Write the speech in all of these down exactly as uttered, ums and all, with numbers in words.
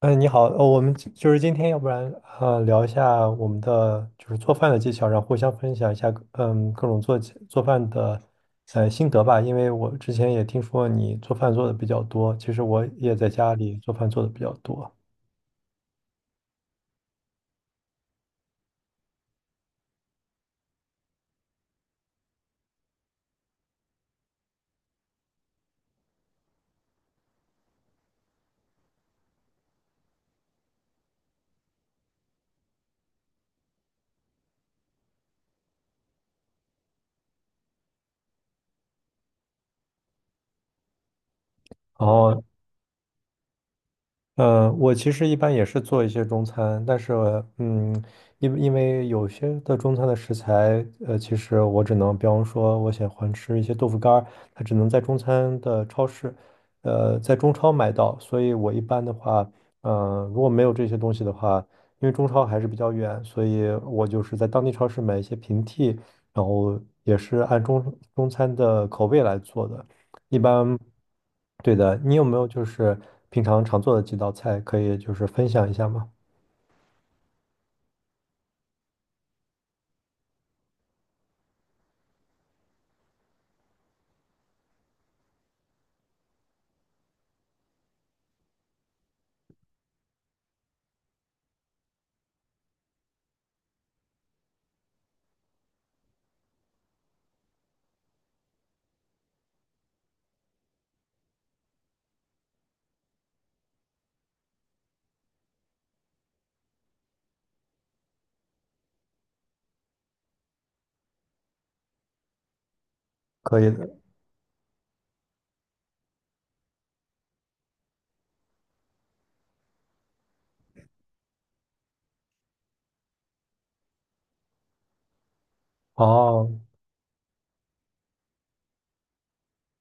嗯，呃你好，呃，我们今就是今天，要不然呃聊一下我们的就是做饭的技巧，然后互相分享一下嗯各种做起做饭的呃心得吧。因为我之前也听说你做饭做的比较多，其实我也在家里做饭做的比较多。然后呃，我其实一般也是做一些中餐，但是嗯，因因为有些的中餐的食材，呃，其实我只能，比方说，我喜欢吃一些豆腐干儿，它只能在中餐的超市，呃，在中超买到，所以我一般的话，呃，如果没有这些东西的话，因为中超还是比较远，所以我就是在当地超市买一些平替，然后也是按中中餐的口味来做的。一般，对的，你有没有就是平常常做的几道菜，可以就是分享一下吗？可以的。哦，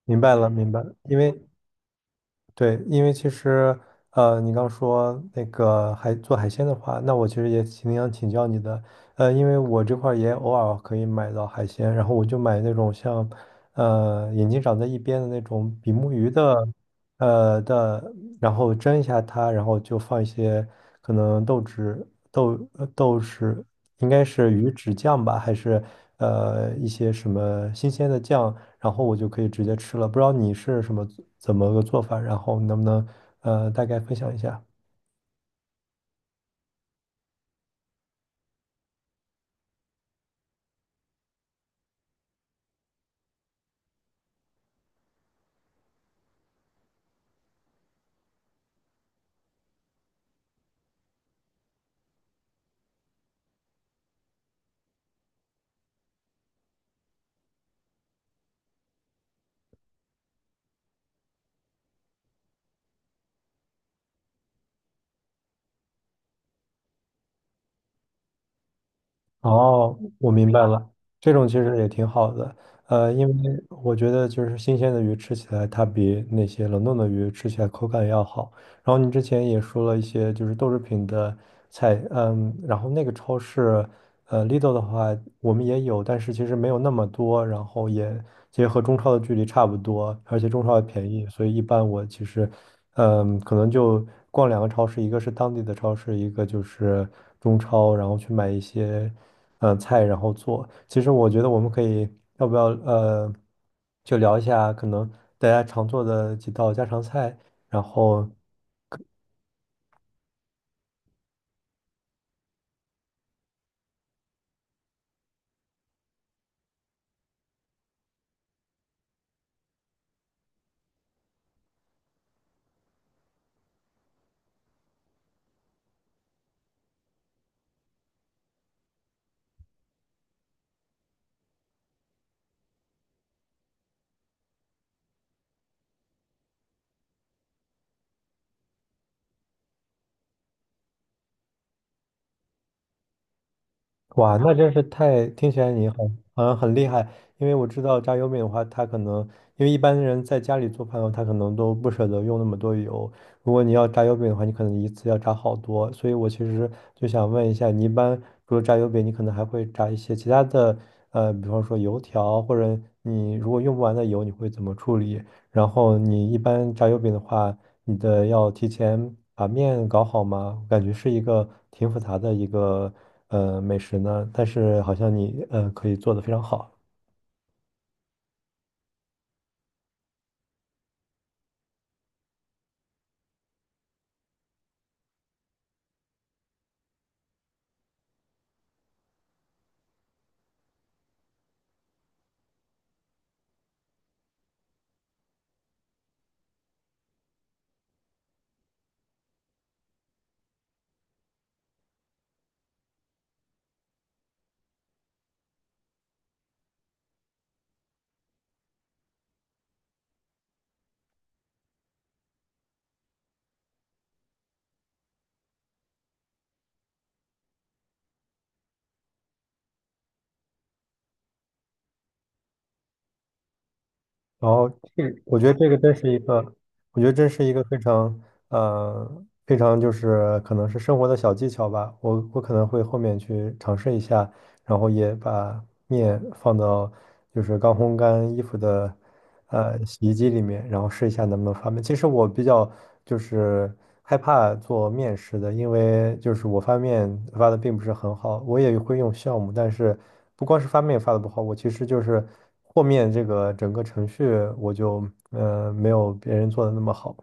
明白了，明白了。因为对，因为其实，呃，你刚说那个海做海鲜的话，那我其实也挺想请教你的，呃，因为我这块儿也偶尔可以买到海鲜，然后我就买那种像，呃，眼睛长在一边的那种比目鱼的，呃的，然后蒸一下它，然后就放一些可能豆豉、豆呃豆豉，应该是鱼豉酱吧，还是呃一些什么新鲜的酱。然后我就可以直接吃了。不知道你是什么怎么个做法，然后能不能呃大概分享一下？哦，我明白了，这种其实也挺好的，呃，因为我觉得就是新鲜的鱼吃起来，它比那些冷冻的鱼吃起来口感要好。然后你之前也说了一些就是豆制品的菜，嗯，然后那个超市，呃，Lidl 的话我们也有，但是其实没有那么多，然后也其实和中超的距离差不多，而且中超也便宜，所以一般我其实嗯，可能就逛两个超市，一个是当地的超市，一个就是中超，然后去买一些呃菜，然后做。其实我觉得我们可以，要不要呃，就聊一下可能大家常做的几道家常菜，然后哇，那真是太，听起来你好好像很厉害，因为我知道炸油饼的话，它可能因为一般人在家里做饭的话，他可能都不舍得用那么多油。如果你要炸油饼的话，你可能一次要炸好多。所以我其实就想问一下，你一般除了炸油饼，你可能还会炸一些其他的，呃，比方说油条，或者你如果用不完的油，你会怎么处理？然后你一般炸油饼的话，你的要提前把面搞好吗？我感觉是一个挺复杂的一个呃美食呢，但是好像你呃可以做得非常好。然后这我觉得这个真是一个，我觉得真是一个非常呃非常就是可能是生活的小技巧吧。我我可能会后面去尝试一下，然后也把面放到就是刚烘干衣服的。呃洗衣机里面，然后试一下能不能发面。其实我比较就是害怕做面食的，因为就是我发面发的并不是很好，我也会用酵母，但是不光是发面发的不好，我其实就是和面这个整个程序我就呃没有别人做的那么好。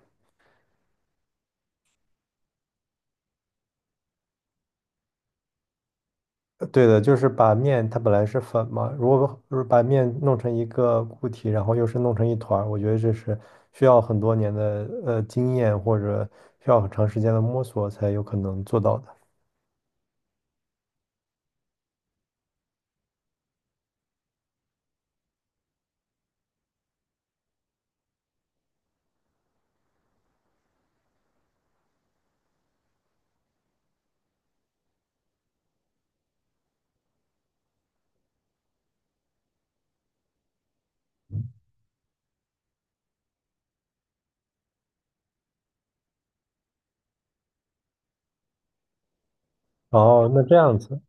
对的，就是把面它本来是粉嘛，如果如果把面弄成一个固体，然后又是弄成一团儿，我觉得这是需要很多年的呃经验或者需要很长时间的摸索才有可能做到的。哦，那这样子。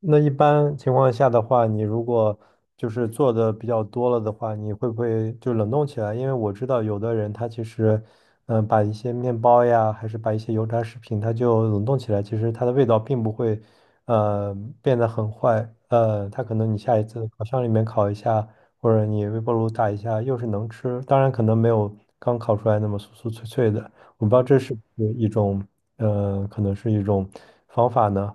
那一般情况下的话，你如果就是做的比较多了的话，你会不会就冷冻起来？因为我知道有的人他其实，嗯，把一些面包呀，还是把一些油炸食品，它就冷冻起来，其实它的味道并不会，呃，变得很坏。呃，它可能你下一次烤箱里面烤一下，或者你微波炉打一下，又是能吃。当然，可能没有刚烤出来那么酥酥脆脆的。我不知道这是不是一种，呃，可能是一种方法呢？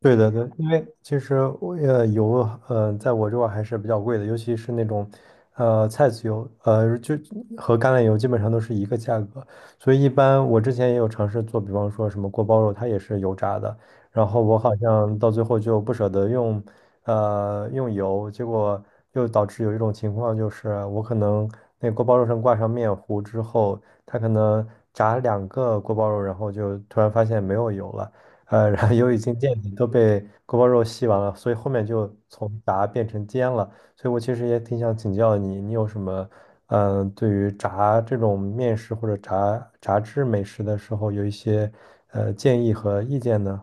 对的，对，因为其实我呃油，呃，在我这块儿还是比较贵的，尤其是那种，呃，菜籽油，呃，就和橄榄油基本上都是一个价格，所以一般我之前也有尝试做，比方说什么锅包肉，它也是油炸的，然后我好像到最后就不舍得用，呃，用油，结果又导致有一种情况就是我可能那锅包肉上挂上面糊之后，它可能炸两个锅包肉，然后就突然发现没有油了。呃，然后油已经见底，都被锅包肉吸完了，所以后面就从炸变成煎了。所以我其实也挺想请教你，你有什么，嗯、对于炸这种面食或者炸炸制美食的时候，有一些呃建议和意见呢？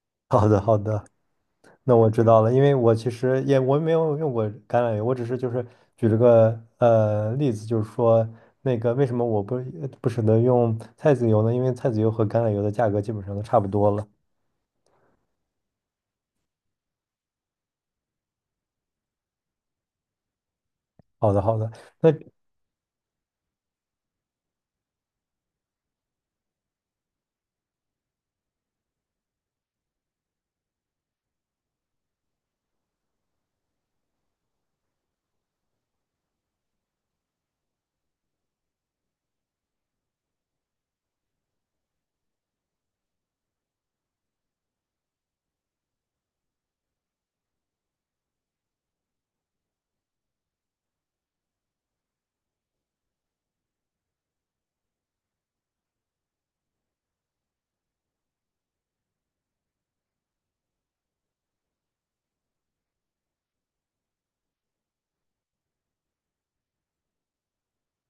好的，好的，那我知道了，因为我其实也我没有用过橄榄油，我只是就是举了个呃例子，就是说那个为什么我不呃不舍得用菜籽油呢？因为菜籽油和橄榄油的价格基本上都差不多了。好的，好的。那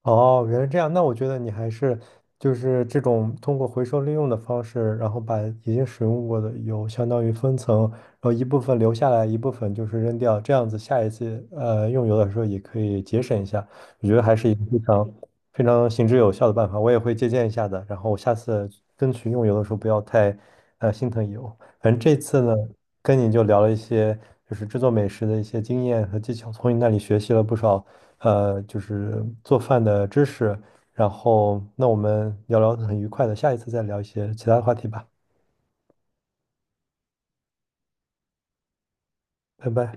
哦，原来这样。那我觉得你还是就是这种通过回收利用的方式，然后把已经使用过的油相当于分层，然后一部分留下来，一部分就是扔掉，这样子下一次呃用油的时候也可以节省一下。我觉得还是一个非常非常行之有效的办法，我也会借鉴一下的。然后我下次争取用油的时候不要太呃心疼油。反正这次呢，跟你就聊了一些，就是制作美食的一些经验和技巧，从你那里学习了不少，呃，就是做饭的知识。然后，那我们聊聊得很愉快的，下一次再聊一些其他的话题吧，拜拜。